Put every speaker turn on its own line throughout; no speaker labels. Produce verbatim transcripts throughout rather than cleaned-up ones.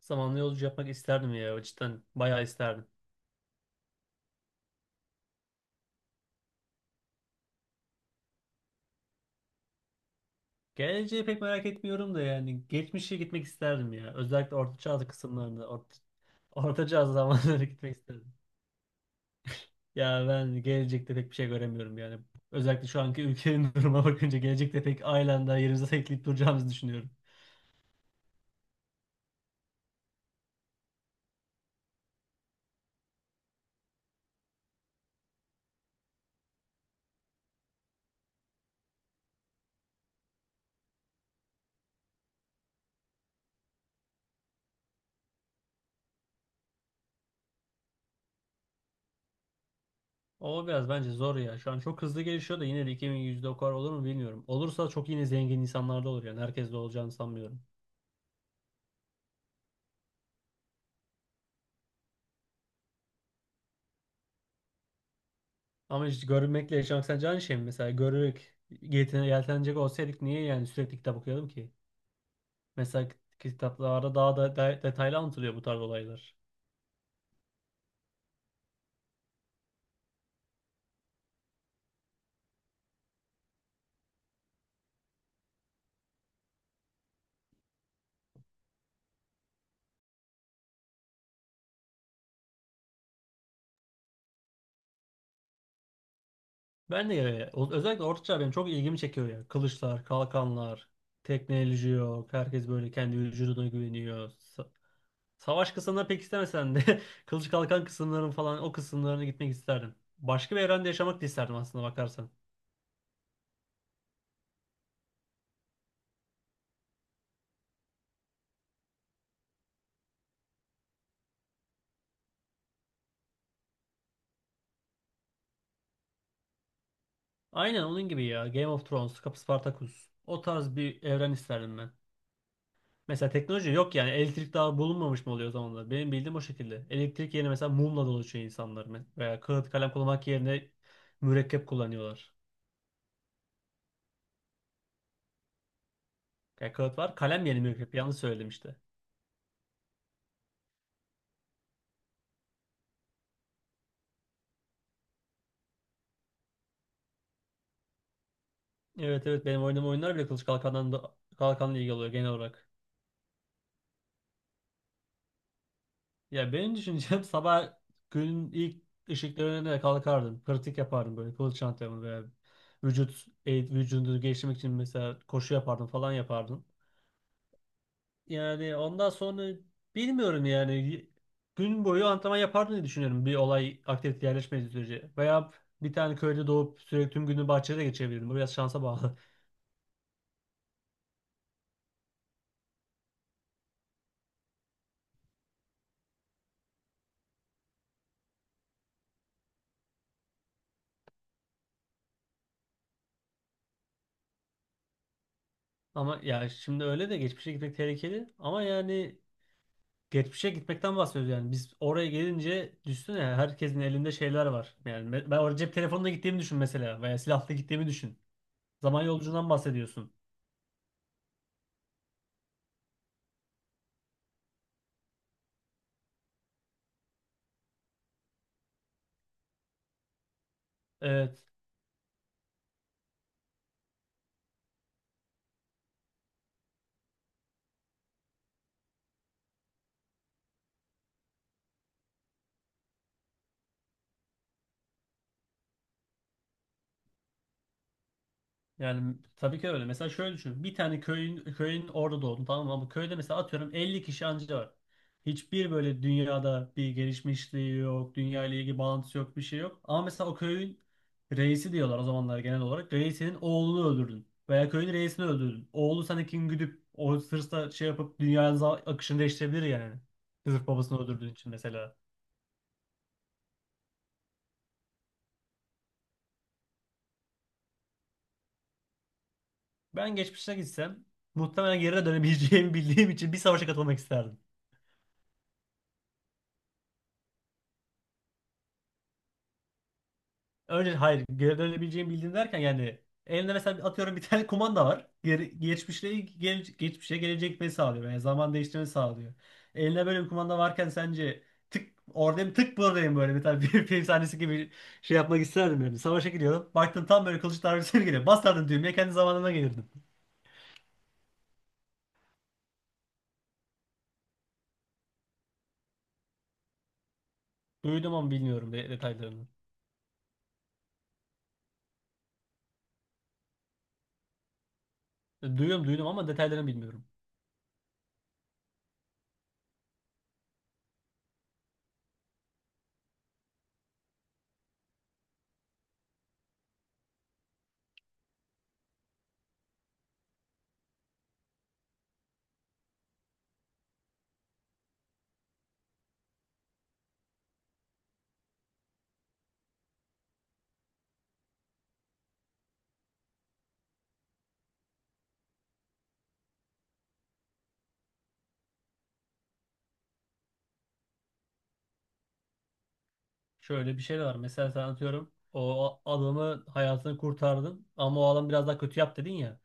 Zamanlı yolcu yapmak isterdim ya cidden bayağı isterdim. Geleceği pek merak etmiyorum da yani geçmişe gitmek isterdim ya. Özellikle orta çağ kısımlarında orta, orta çağ zamanlara gitmek isterdim. Ya ben gelecekte pek bir şey göremiyorum yani. Özellikle şu anki ülkenin duruma bakınca gelecekte pek aynen daha yerimize tekleyip duracağımızı düşünüyorum. O biraz bence zor ya. Şu an çok hızlı gelişiyor da yine de iki bin yüzde o kadar olur mu bilmiyorum. Olursa çok yine zengin insanlarda olur yani. Herkes de olacağını sanmıyorum. Ama işte görmekle yaşamak sence aynı şey mi? Mesela görerek yeltene- yeltenecek olsaydık niye yani sürekli kitap okuyalım ki? Mesela kitaplarda daha da de- detaylı anlatılıyor bu tarz olaylar. Ben de ya- o- özellikle Orta Çağ benim çok ilgimi çekiyor ya. Kılıçlar, kalkanlar, teknoloji yok. Herkes böyle kendi vücuduna güveniyor. Sa- savaş kısımlarını pek istemesen de kılıç kalkan kısımların falan o kısımlarına gitmek isterdim. Başka bir evrende yaşamak da isterdim aslında bakarsan. Aynen onun gibi ya. Game of Thrones, Spartacus. O tarz bir evren isterdim ben. Mesela teknoloji yok yani. Elektrik daha bulunmamış mı oluyor o zamanlar? Benim bildiğim o şekilde. Elektrik yerine mesela mumla dolaşıyor insanlar. Me- Veya kağıt kalem kullanmak yerine mürekkep kullanıyorlar. Yani kağıt var. Kalem yerine mürekkep. Yanlış söyledim işte. Evet evet benim oynadığım oyunlar bile kılıç kalkandan da, kalkanla ilgili oluyor genel olarak. Ya benim düşüncem sabah günün ilk ışıklarına kalkardın. Pratik yapardın böyle kılıç antrenmanı veya vücut eğit- vücudunu geliştirmek için mesela koşu yapardın falan yapardın. Yani ondan sonra bilmiyorum yani gün boyu antrenman yapardım diye düşünüyorum bir olay aktivite yerleşmediği sürece. Veya bir tane köyde doğup sürekli tüm günü bahçede geçirebilirdim. Bu biraz şansa bağlı. Ama ya şimdi öyle de geçmişe gitmek tehlikeli. Ama yani geçmişe gitmekten bahsediyoruz yani. Biz oraya gelince düşünsene herkesin elinde şeyler var. Yani ben ben oraya cep telefonla gittiğimi düşün mesela veya silahla gittiğimi düşün. Zaman yolculuğundan bahsediyorsun. Ee, Yani tabii ki öyle. Mesela şöyle düşün. Bir tane köyün köyün orada doğdun, tamam mı? Ama köyde mesela atıyorum elli kişi anca var. Hiçbir böyle dünyada bir gelişmişliği yok. Dünya ile ilgili bağlantısı yok. Bir şey yok. Ama mesela o köyün reisi diyorlar o zamanlar genel olarak. Reisinin oğlunu öldürdün. Veya köyün reisini öldürdün. Oğlu sana kin güdüp o hırsla şey yapıp dünyanın za- akışını değiştirebilir yani. Sırf babasını öldürdüğün için mesela. Ben geçmişe gitsem muhtemelen geri dönemeyeceğimi bildiğim için bir savaşa katılmak isterdim. Önce hayır, geri dönebileceğimi bildiğim derken yani elinde mesela atıyorum bir tane kumanda var. Geri, geçmişle gele, geçmişe gelecek gitmeyi sağlıyor. Yani zaman değiştirmeyi sağlıyor. Eline böyle bir kumanda varken sence tık oradayım tık buradayım böyle bir tane bir film sahnesi gibi şey yapmak isterdim yani. Savaşa gidiyorum. Baktın tam böyle kılıç darbesi geliyor. Basardın düğmeye kendi zamanına gelirdin. Duydum ama bilmiyorum de- detaylarını. E, Duyuyorum Duydum ama detaylarını bilmiyorum. Şöyle bir şey de var. Mesela sen atıyorum o adamı hayatını kurtardın ama o adam biraz daha kötü yap dedin ya.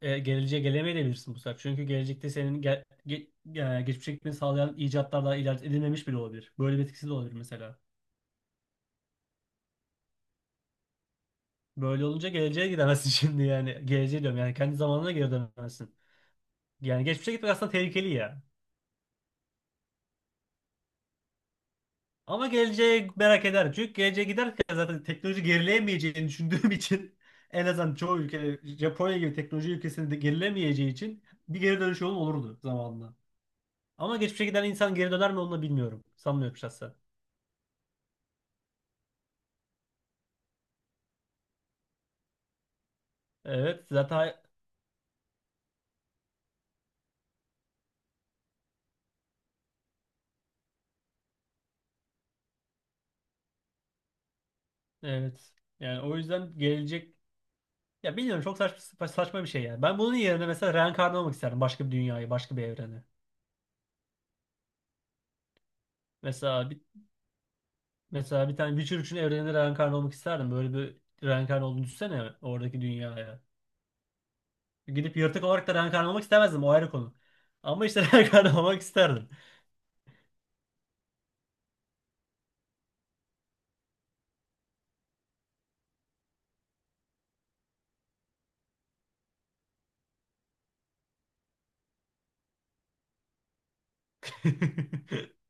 e, Geleceğe gelemeyebilirsin bu sefer. Çünkü gelecekte senin ge ge e, geçmişe gitmeni sağlayan icatlar daha icat edilmemiş bile olabilir. Böyle bir etkisi de olabilir mesela. Böyle olunca geleceğe gidemezsin şimdi yani. Geleceğe diyorum yani, kendi zamanına geri dönemezsin. Yani geçmişe gitmek aslında tehlikeli ya. Ama geleceğe merak eder. Çünkü geleceğe giderken zaten teknoloji gerileyemeyeceğini düşündüğüm için en azından çoğu ülke Japonya gibi teknoloji ülkesinde de gerilemeyeceği için bir geri dönüş yolun olurdu zamanında. Ama geçmişe giden insan geri döner mi onu da bilmiyorum. Sanmıyorum şahsen. Evet zaten. Evet. Yani o yüzden gelecek ya bilmiyorum çok saçma, saçma bir şey yani. Ben bunun yerine mesela reenkarnı olmak isterdim başka bir dünyayı, başka bir evreni. Mesela bir Mesela bir tane Witcher üçün evreninde reenkarnı olmak isterdim. Böyle bir reenkarnı olduğunu düşünsene oradaki dünyaya. Gidip yırtık olarak da reenkarnı olmak istemezdim, o ayrı konu. Ama işte reenkarnı olmak isterdim.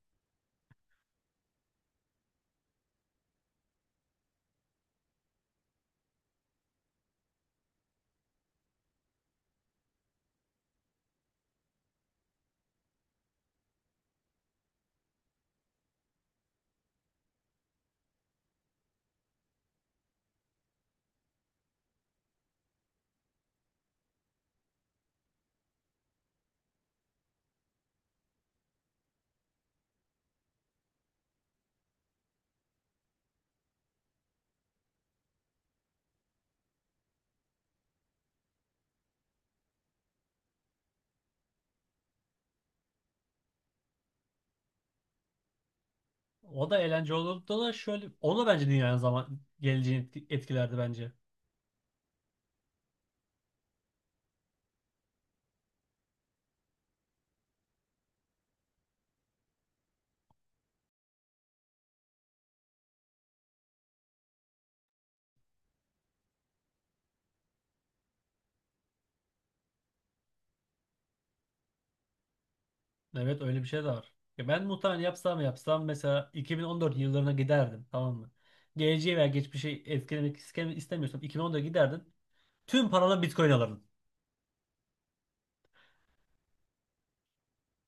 O da eğlence olurdu da şöyle, o da bence dünyanın zaman geleceğini etkilerdi bence. Evet öyle bir şey de var. Ya ben muhtemelen yapsam yapsam mesela iki bin on dört yıllarına giderdim, tamam mı? Geleceği veya geçmişi etkilemek iske- istemiyorsam iki bin on dörde giderdim. Tüm paranla Bitcoin alırdın.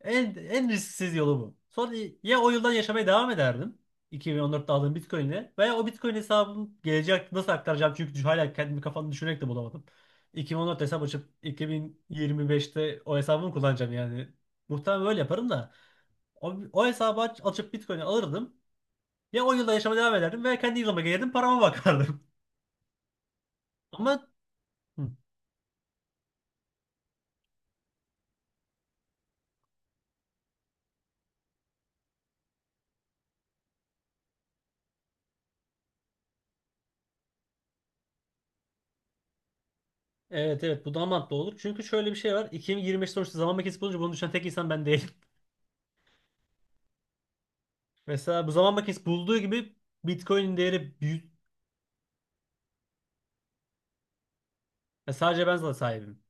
En, en risksiz yolu bu. Sonra ya o yıldan yaşamaya devam ederdim. iki bin on dörtte aldığım Bitcoin'le veya o Bitcoin hesabımı geleceğe nasıl aktaracağım çünkü hala kendimi kafamda düşünerek de bulamadım. iki bin on dört hesap açıp iki bin yirmi beşte o hesabımı kullanacağım yani. Muhtemelen böyle yaparım da o, o hesabı aç- açıp Bitcoin'i alırdım. Ya on yılda yaşama devam ederdim veya kendi yılıma gelirdim parama bakardım. Ama hı. Evet evet, bu daha mantıklı olur. Çünkü şöyle bir şey var. iki bin yirmi beş sonuçta zaman makinesi bulunca bunu düşünen tek insan ben değilim. Mesela bu zaman makinesi bulduğu gibi Bitcoin'in değeri büyük. Ya sadece ben zaten sahibim.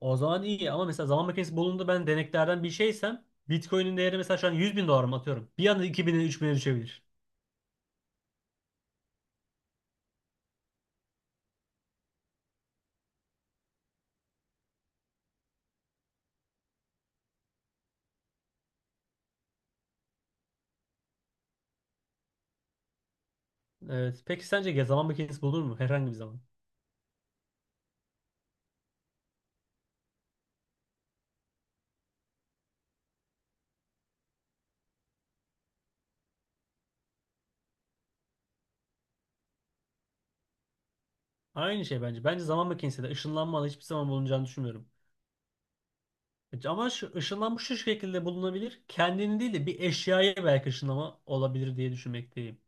O zaman iyi ama mesela zaman makinesi bulundu, ben deneklerden bir şeysem Bitcoin'in değeri mesela şu an yüz bin dolar mı atıyorum. Bir anda 2000'e bin'e düşebilir. Evet. Peki sence ya zaman makinesi bulunur mu herhangi bir zaman? Aynı şey bence. Bence zaman makinesi de ışınlanma hiçbir zaman bulunacağını düşünmüyorum. Evet, ama ışı- ışınlanma şu şekilde bulunabilir. Kendini değil de bir eşyaya belki ışınlama olabilir diye düşünmekteyim.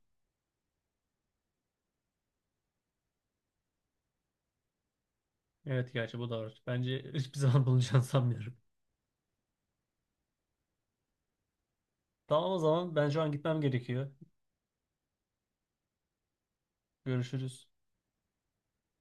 Evet gerçi bu da var. Bence hiçbir zaman bulunacağını sanmıyorum. Tamam, o zaman ben şu an gitmem gerekiyor. Görüşürüz.